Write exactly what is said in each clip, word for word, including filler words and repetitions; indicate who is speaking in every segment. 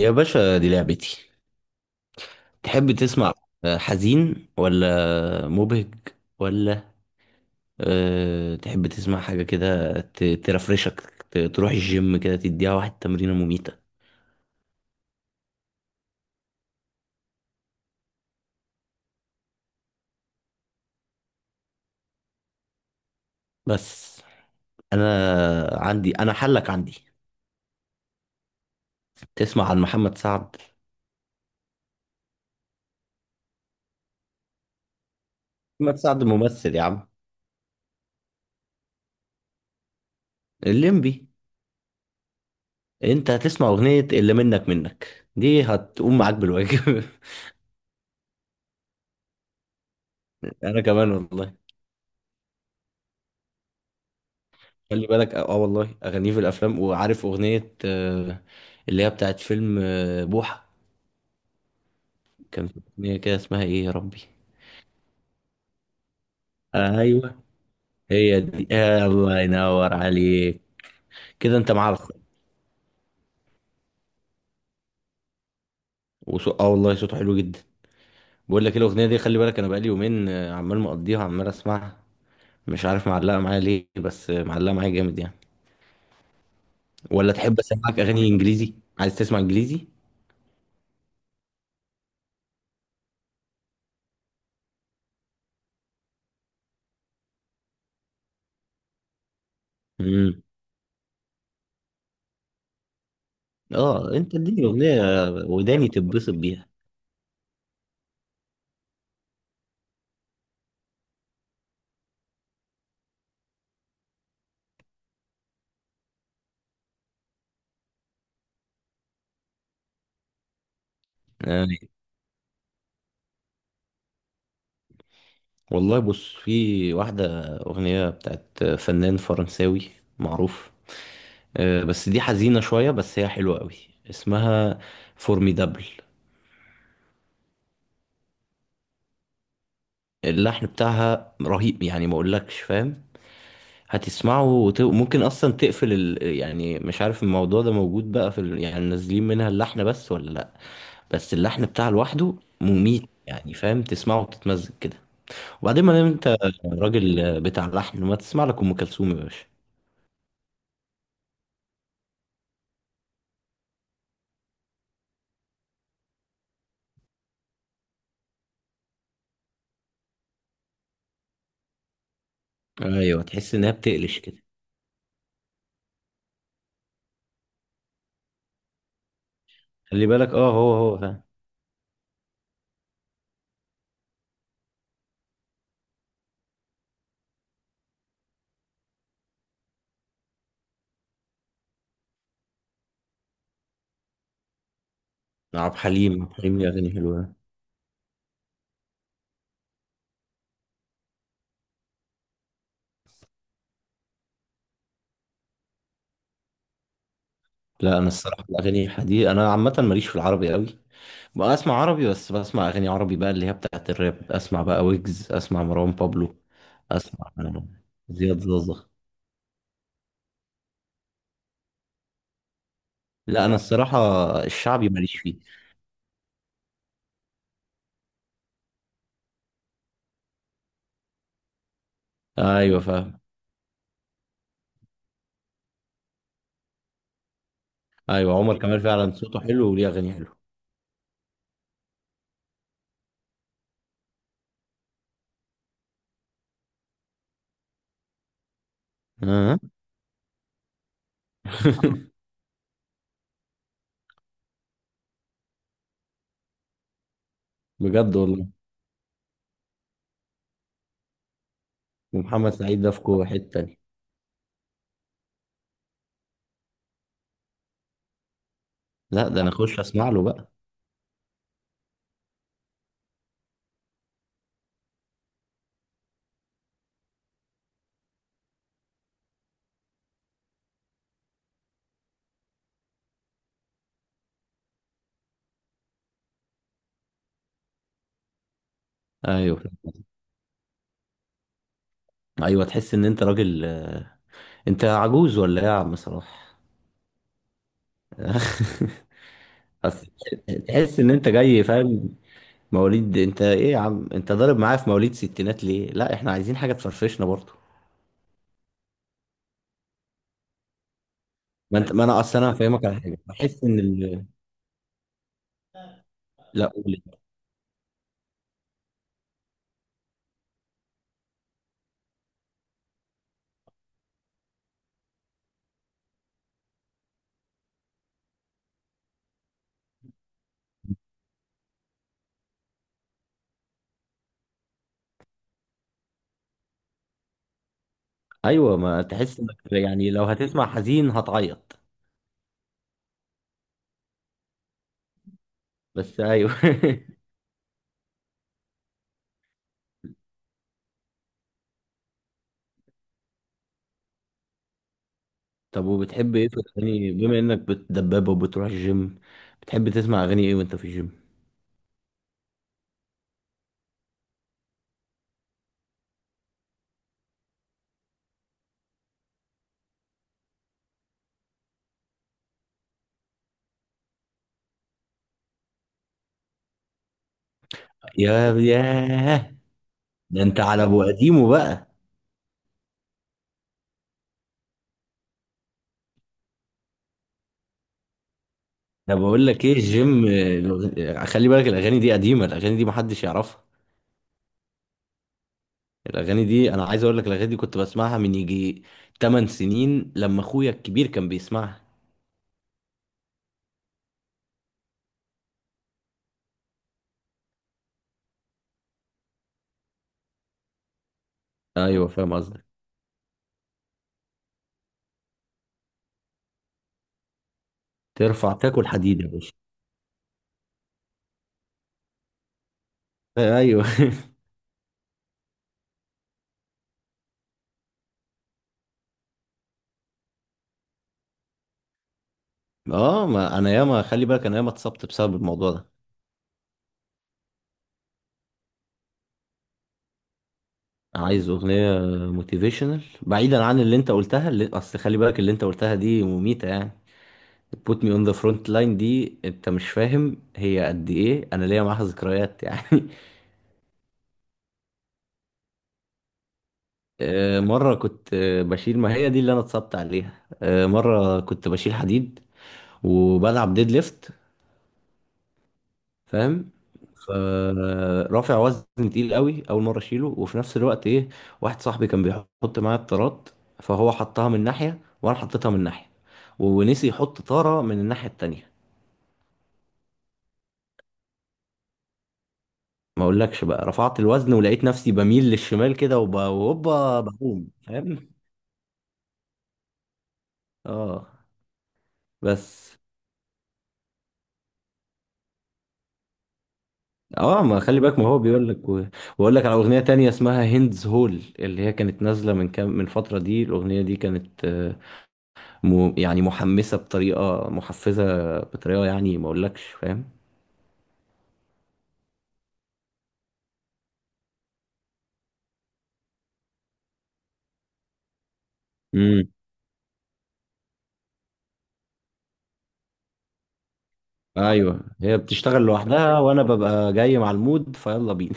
Speaker 1: يا باشا، دي لعبتي. تحب تسمع حزين ولا مبهج؟ ولا أه تحب تسمع حاجة كده ت- ترفرشك؟ ت- تروح الجيم كده تديها واحد تمرينة مميتة. بس أنا عندي، أنا حلك عندي. تسمع عن محمد سعد؟ محمد سعد ممثل يا عم. الليمبي. أنت هتسمع أغنية اللي منك منك دي، هتقوم معاك بالواجب. أنا كمان والله. خلي بالك اه آه والله اغانيه في الافلام، وعارف اغنيه آه، اللي هي بتاعت فيلم آه، بوحه. كان في اغنيه كده اسمها ايه يا ربي. ايوه، هي دي. آه الله ينور عليك. كده انت مع الخ. وصو... اه والله صوته حلو جدا. بقول لك إيه؟ الاغنيه دي خلي بالك، انا بقالي يومين آه، عمال مقضيها، عمال اسمعها. مش عارف معلقه معايا ليه، بس آه، معلقه معايا جامد يعني. ولا تحب اسمعك اغاني انجليزي؟ عايز تسمع انجليزي؟ امم. اه انت اديني اغنيه وداني تتبسط بيها. آه. والله بص، في واحدة أغنية بتاعت فنان فرنساوي معروف، آه، بس دي حزينة شوية، بس هي حلوة قوي. اسمها فورميدابل. اللحن بتاعها رهيب يعني، ما اقولكش، فاهم؟ هتسمعه وت... ممكن اصلا تقفل ال... يعني مش عارف الموضوع ده موجود بقى في ال... يعني نازلين منها اللحن بس ولا لا؟ بس اللحن بتاعها لوحده مميت يعني، فاهم؟ تسمعه وتتمزج كده. وبعدين ما دام انت راجل بتاع لحن، ما تسمع لك ام كلثوم يا باشا. ايوه، تحس انها بتقلش كده. خلي بالك اه، هو هو، فاهم؟ عبد الحليم، عبد الحليم ليه اغاني حلوه. لا، انا الصراحه الاغاني دي انا عامه ماليش في العربي قوي. بقى اسمع عربي، بس بسمع اغاني عربي بقى اللي هي بتاعت الراب. اسمع بقى ويجز، اسمع مروان بابلو، اسمع زياد زازا. لا، انا الصراحه الشعبي ماليش فيه. ايوه فاهم. ايوه، عمر كمال فعلا صوته حلو وليه اغاني حلوه. آه. بجد والله. ومحمد سعيد ده في كو- حته تانيه. لا، ده انا اخش اسمع له بقى. ايوه. ايوه، تحس ان انت راجل آه، انت عجوز ولا ايه يا عم صلاح؟ أصل تحس ان انت جاي، فاهم؟ مواليد انت ايه يا عم؟ انت ضارب معايا في مواليد ستينات ليه؟ لا احنا عايزين حاجه تفرفشنا برضه. ما انت ما انا اصل انا هفهمك على حاجه، بحس ان ال... لا قول. ايوه، ما تحس انك يعني لو هتسمع حزين هتعيط. بس ايوه. طب وبتحب ايه في الاغاني، بما انك بتدبب وبتروح الجيم؟ بتحب تسمع اغاني ايه وانت في الجيم؟ يا ياه، ده انت على ابو قديمه بقى. انا بقول لك ايه الجيم الأغ- خلي بالك الاغاني دي قديمه، الاغاني دي محدش يعرفها، الاغاني دي انا عايز اقول لك الاغاني دي كنت بسمعها من يجي 8 سنين لما اخويا الكبير كان بيسمعها. ايوه فاهم قصدك. ترفع تاكل حديد يا باشا. ايوه. اه، ما انا ياما خلي بالك، انا ياما اتصبت بسبب الموضوع ده. عايز اغنيه موتيفيشنال بعيدا عن اللي انت قلتها، اللي اصل خلي بالك اللي انت قلتها دي مميته يعني. put me on the front line دي، انت مش فاهم هي قد ايه، انا ليا معاها ذكريات يعني. آه، مرة كنت آه، بشيل، ما هي دي اللي أنا اتصبت عليها. آه، مرة كنت بشيل حديد وبلعب ديد ليفت، فاهم؟ فرافع وزن تقيل قوي، أول مرة أشيله. وفي نفس الوقت إيه، واحد صاحبي كان بيحط معايا الطارات، فهو حطها من ناحية وأنا حطيتها من ناحية، ونسي يحط طارة من الناحية التانية. ما أقولكش بقى، رفعت الوزن ولقيت نفسي بميل للشمال كده وب- وهوبا بقوم، فاهم؟ اه. بس اه، ما خلي بالك، ما هو بيقول لك و- وأقول لك على أغنية تانية اسمها هندز هول، اللي هي كانت نازلة من كام، من فترة دي. الأغنية دي كانت آه، م... يعني محمسة بطريقة محفزة، بطريقة يعني ما أقولكش، فاهم؟ امم. ايوه، هي بتشتغل لوحدها وانا ببقى جاي مع المود، فيلا بينا.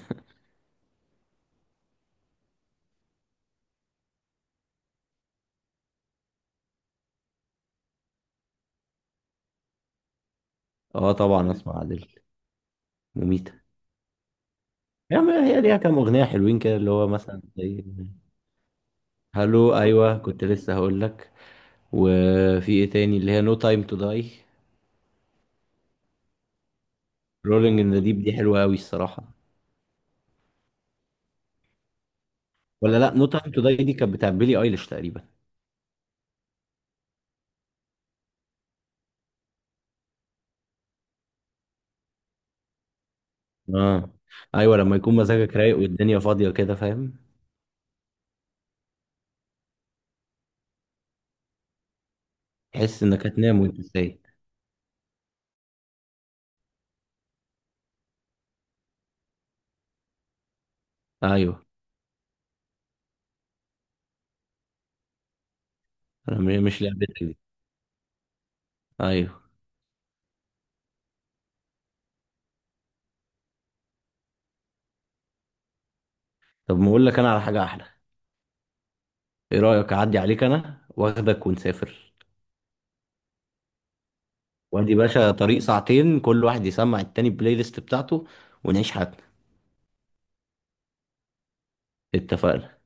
Speaker 1: اه طبعا، اسمع عادل. مميتة. هي هي ليها كام اغنيه حلوين كده، اللي هو مثلا زي هالو. ايوه، كنت لسه هقول لك. وفي ايه تاني؟ اللي هي نو تايم تو داي. رولينج ان ذا ديب دي حلوه قوي الصراحه. ولا لا، نو تايم تو داي دي كانت بتاع بيلي ايليش تقريبا. اه. ايوه لما يكون مزاجك رايق والدنيا فاضيه كده، فاهم؟ تحس انك هتنام وانت سايق. ايوه. انا م- مش لعبتك دي. ايوه. طب ما اقول لك انا على حاجه احلى. ايه رايك اعدي عليك انا واخدك ونسافر؟ وادي باشا طريق ساعتين، كل واحد يسمع التاني البلاي ليست بتاعته، ونعيش حياتنا. اتفقنا. يلا.